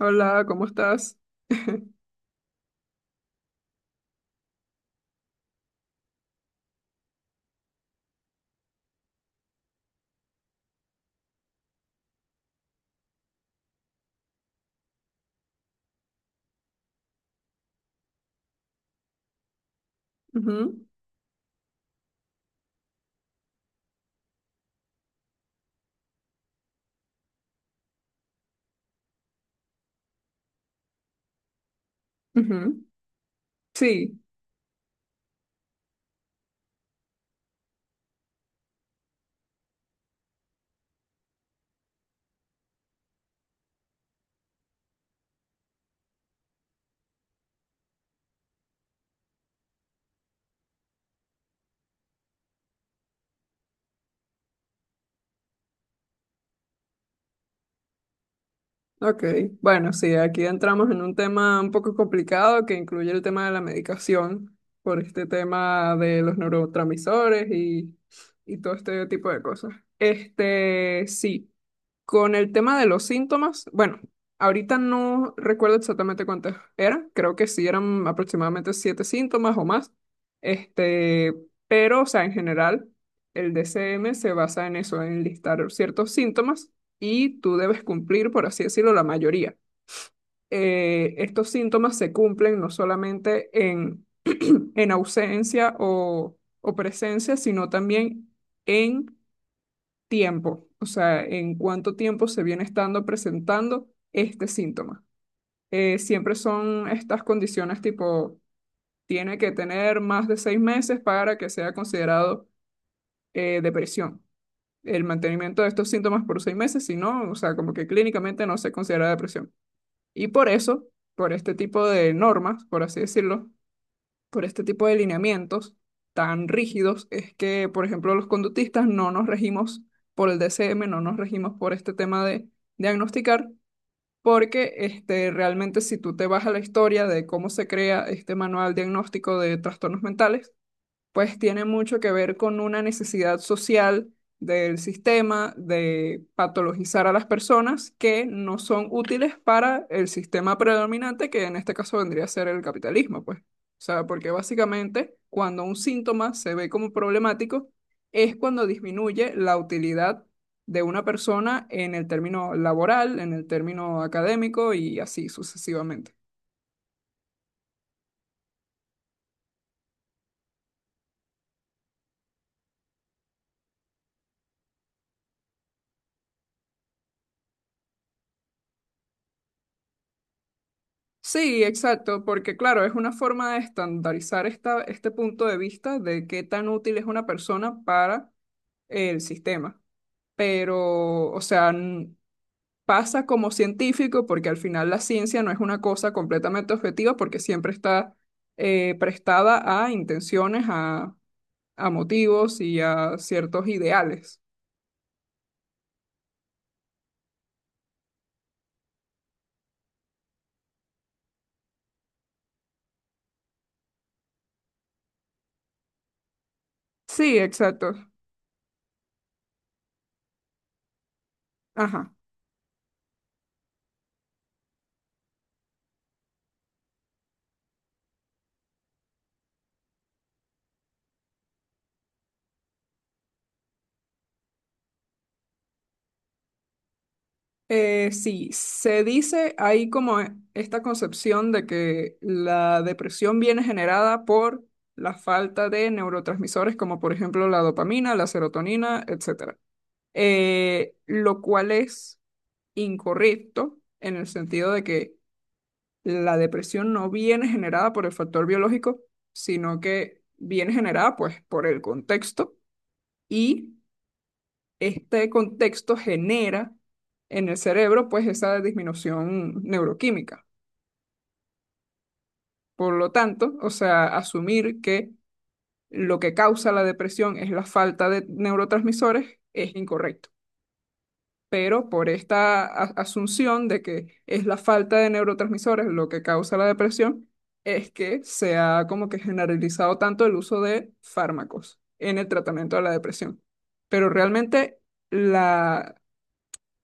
Hola, ¿cómo estás? Ujú, ujú. Sí, ok. Bueno, sí, aquí entramos en un tema un poco complicado que incluye el tema de la medicación por este tema de los neurotransmisores y todo este tipo de cosas. Este, sí. Con el tema de los síntomas, bueno, ahorita no recuerdo exactamente cuántos eran, creo que sí eran aproximadamente siete síntomas o más, este, pero, o sea, en general, el DCM se basa en eso, en listar ciertos síntomas y tú debes cumplir, por así decirlo, la mayoría. Estos síntomas se cumplen no solamente en ausencia o presencia, sino también en tiempo, o sea, en cuánto tiempo se viene estando presentando este síntoma. Siempre son estas condiciones tipo, tiene que tener más de 6 meses para que sea considerado depresión. El mantenimiento de estos síntomas por 6 meses, si no, o sea, como que clínicamente no se considera depresión. Y por eso, por este tipo de normas, por así decirlo, por este tipo de lineamientos tan rígidos es que, por ejemplo, los conductistas no nos regimos por el DCM, no nos regimos por este tema de diagnosticar, porque realmente si tú te vas a la historia de cómo se crea este manual diagnóstico de trastornos mentales, pues tiene mucho que ver con una necesidad social del sistema de patologizar a las personas que no son útiles para el sistema predominante, que en este caso vendría a ser el capitalismo, pues. O sea, porque básicamente cuando un síntoma se ve como problemático es cuando disminuye la utilidad de una persona en el término laboral, en el término académico y así sucesivamente. Sí, exacto, porque claro, es una forma de estandarizar este punto de vista de qué tan útil es una persona para el sistema. Pero, o sea, pasa como científico porque al final la ciencia no es una cosa completamente objetiva porque siempre está prestada a intenciones, a motivos y a ciertos ideales. Sí, exacto. Ajá. Sí, se dice, hay como esta concepción de que la depresión viene generada por la falta de neurotransmisores como por ejemplo la dopamina, la serotonina, etcétera. Lo cual es incorrecto en el sentido de que la depresión no viene generada por el factor biológico, sino que viene generada pues por el contexto y este contexto genera en el cerebro pues esa disminución neuroquímica. Por lo tanto, o sea, asumir que lo que causa la depresión es la falta de neurotransmisores es incorrecto. Pero por esta asunción de que es la falta de neurotransmisores lo que causa la depresión, es que se ha como que generalizado tanto el uso de fármacos en el tratamiento de la depresión. Pero realmente la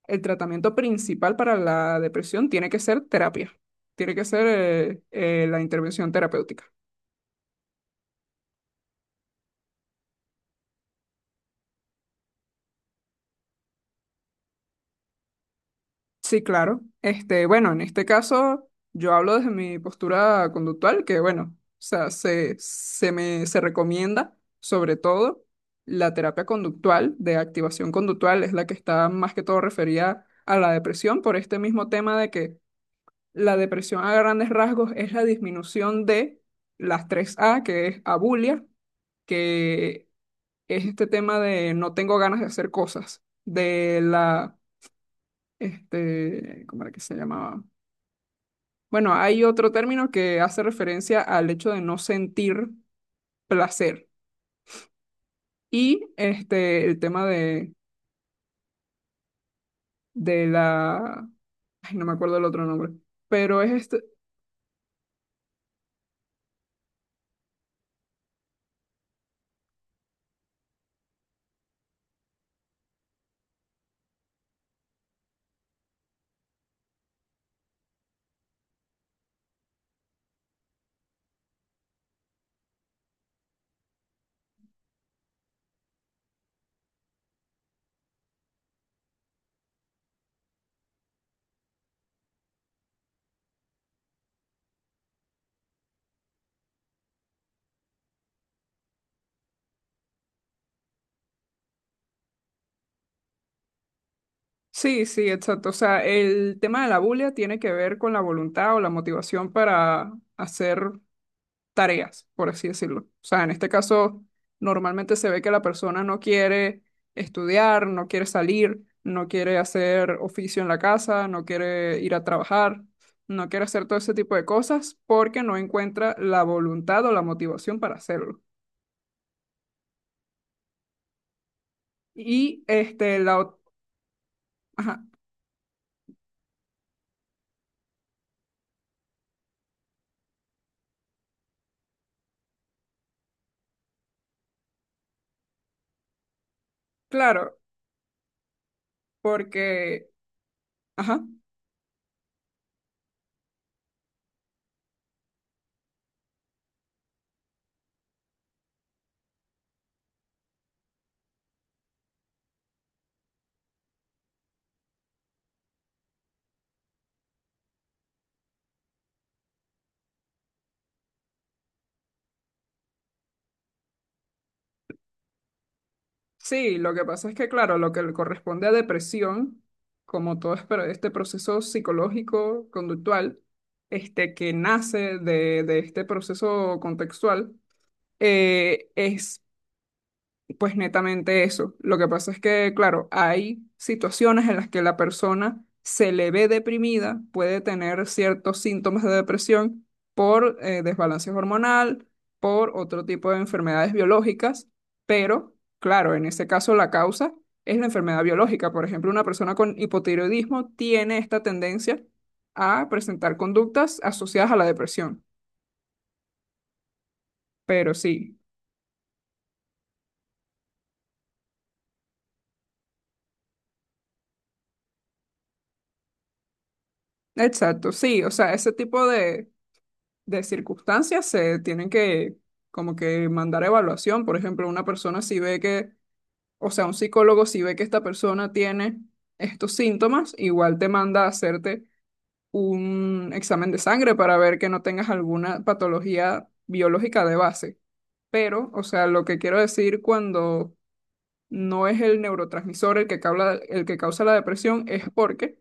el tratamiento principal para la depresión tiene que ser terapia, tiene que ser la intervención terapéutica. Sí, claro. Bueno, en este caso yo hablo desde mi postura conductual, que bueno, o sea, se me se recomienda sobre todo la terapia conductual, de activación conductual, es la que está más que todo referida a la depresión por este mismo tema de que la depresión a grandes rasgos es la disminución de las tres a que es abulia, que es este tema de no tengo ganas de hacer cosas, de la, ¿cómo era que se llamaba? Bueno, hay otro término que hace referencia al hecho de no sentir placer y el tema de la, ay, no me acuerdo el otro nombre, pero es este, sí, sí, exacto, o sea, el tema de la bulia tiene que ver con la voluntad o la motivación para hacer tareas, por así decirlo. O sea, en este caso, normalmente se ve que la persona no quiere estudiar, no quiere salir, no quiere hacer oficio en la casa, no quiere ir a trabajar, no quiere hacer todo ese tipo de cosas porque no encuentra la voluntad o la motivación para hacerlo. Y este, la... ot- Ajá, claro, porque. Ajá. Sí, lo que pasa es que, claro, lo que le corresponde a depresión, como todo pero este proceso psicológico conductual, este que nace de este proceso contextual, es pues netamente eso. Lo que pasa es que, claro, hay situaciones en las que la persona se le ve deprimida, puede tener ciertos síntomas de depresión por desbalance hormonal, por otro tipo de enfermedades biológicas, pero, claro, en ese caso la causa es la enfermedad biológica. Por ejemplo, una persona con hipotiroidismo tiene esta tendencia a presentar conductas asociadas a la depresión. Pero sí, exacto, sí, o sea, ese tipo de circunstancias se tienen que como que mandar a evaluación. Por ejemplo, una persona si ve que, o sea, un psicólogo si ve que esta persona tiene estos síntomas, igual te manda a hacerte un examen de sangre para ver que no tengas alguna patología biológica de base. Pero, o sea, lo que quiero decir cuando no es el neurotransmisor el que causa la depresión, es porque, o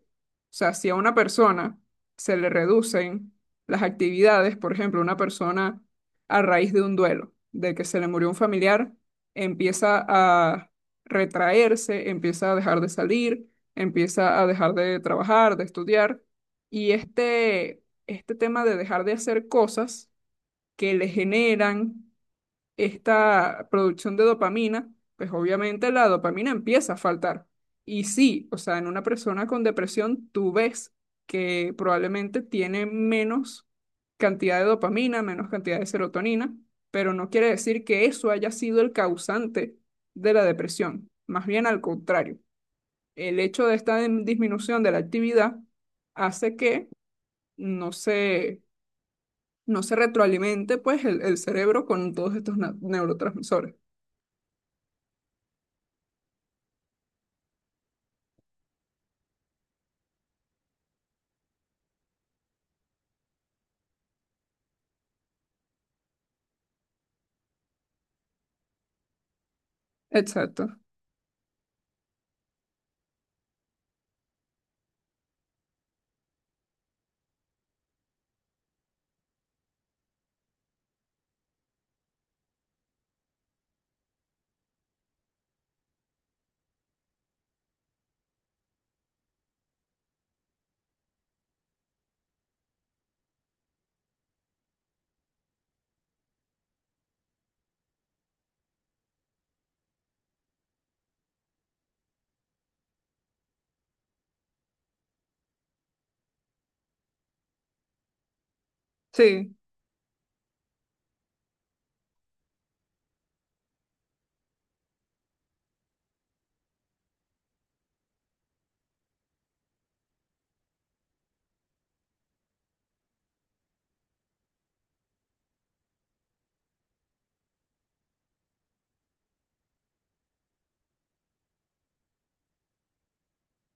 sea, si a una persona se le reducen las actividades, por ejemplo, una persona a raíz de un duelo, de que se le murió un familiar, empieza a retraerse, empieza a dejar de salir, empieza a dejar de trabajar, de estudiar, y este tema de dejar de hacer cosas que le generan esta producción de dopamina, pues obviamente la dopamina empieza a faltar. Y sí, o sea, en una persona con depresión tú ves que probablemente tiene menos cantidad de dopamina, menos cantidad de serotonina, pero no quiere decir que eso haya sido el causante de la depresión. Más bien al contrario, el hecho de esta disminución de la actividad hace que no se, no se retroalimente pues el cerebro con todos estos neurotransmisores. Exacto. Sí,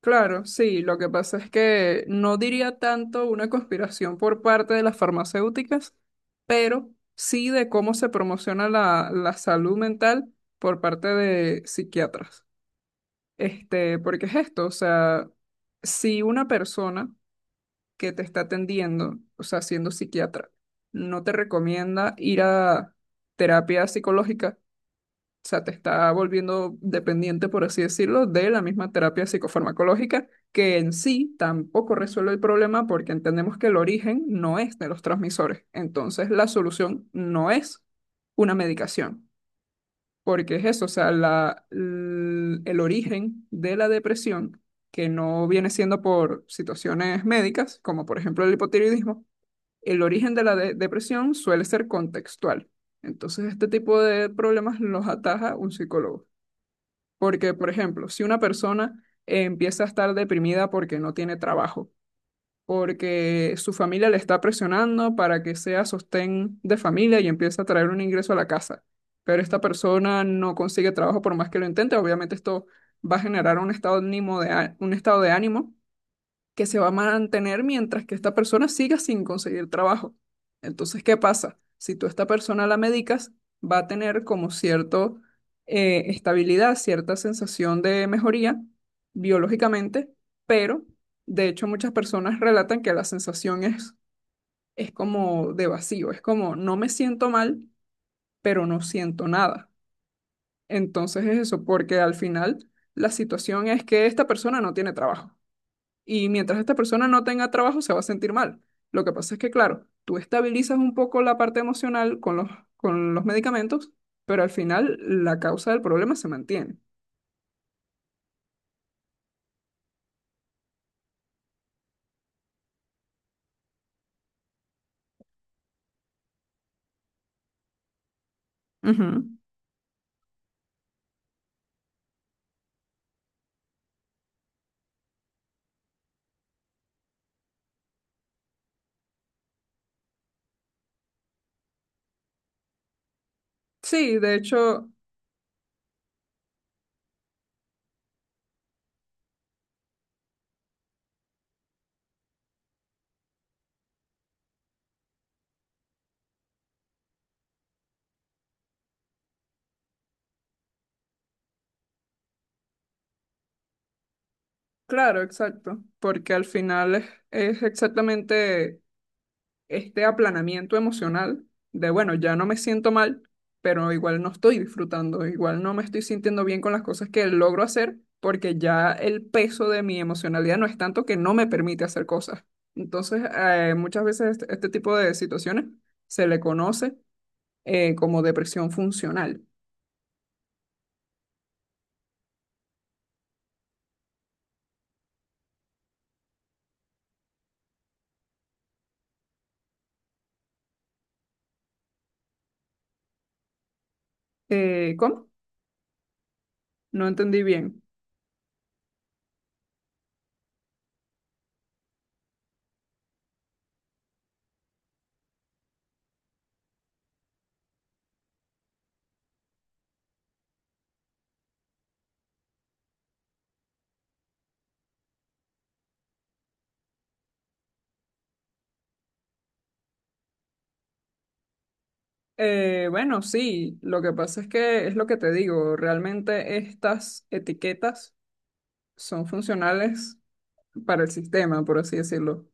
claro, sí. Lo que pasa es que no diría tanto una conspiración por parte de las farmacéuticas, pero sí de cómo se promociona la salud mental por parte de psiquiatras. Porque es esto, o sea, si una persona que te está atendiendo, o sea, siendo psiquiatra, no te recomienda ir a terapia psicológica, o sea, te está volviendo dependiente, por así decirlo, de la misma terapia psicofarmacológica, que en sí tampoco resuelve el problema porque entendemos que el origen no es de los transmisores. Entonces, la solución no es una medicación, porque es eso, o sea, el origen de la depresión, que no viene siendo por situaciones médicas, como por ejemplo el hipotiroidismo, el origen de la depresión suele ser contextual. Entonces, este tipo de problemas los ataja un psicólogo. Porque, por ejemplo, si una persona empieza a estar deprimida porque no tiene trabajo, porque su familia le está presionando para que sea sostén de familia y empieza a traer un ingreso a la casa, pero esta persona no consigue trabajo por más que lo intente, obviamente esto va a generar un estado de ánimo un estado de ánimo que se va a mantener mientras que esta persona siga sin conseguir trabajo. Entonces, ¿qué pasa? Si tú a esta persona la medicas, va a tener como cierta estabilidad, cierta sensación de mejoría biológicamente, pero de hecho muchas personas relatan que la sensación es como de vacío, es como no me siento mal, pero no siento nada. Entonces es eso, porque al final la situación es que esta persona no tiene trabajo. Y mientras esta persona no tenga trabajo, se va a sentir mal. Lo que pasa es que, claro, tú estabilizas un poco la parte emocional con los, medicamentos, pero al final la causa del problema se mantiene. Ujú. Sí, de hecho, claro, exacto, porque al final es exactamente este aplanamiento emocional de, bueno, ya no me siento mal, pero igual no estoy disfrutando, igual no me estoy sintiendo bien con las cosas que logro hacer, porque ya el peso de mi emocionalidad no es tanto que no me permite hacer cosas. Entonces, muchas veces este tipo de situaciones se le conoce como depresión funcional. ¿Cómo? No entendí bien. Bueno, sí, lo que pasa es que es lo que te digo, realmente estas etiquetas son funcionales para el sistema, por así decirlo.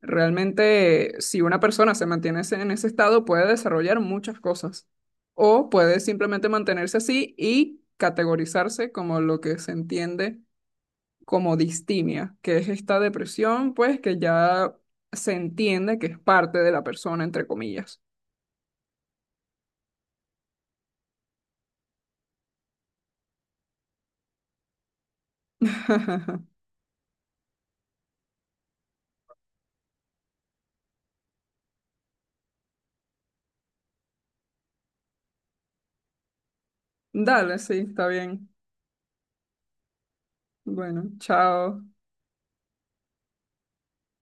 Realmente, si una persona se mantiene en ese estado, puede desarrollar muchas cosas o puede simplemente mantenerse así y categorizarse como lo que se entiende como distimia, que es esta depresión, pues que ya se entiende que es parte de la persona, entre comillas. Dale, sí, está bien. Bueno, chao.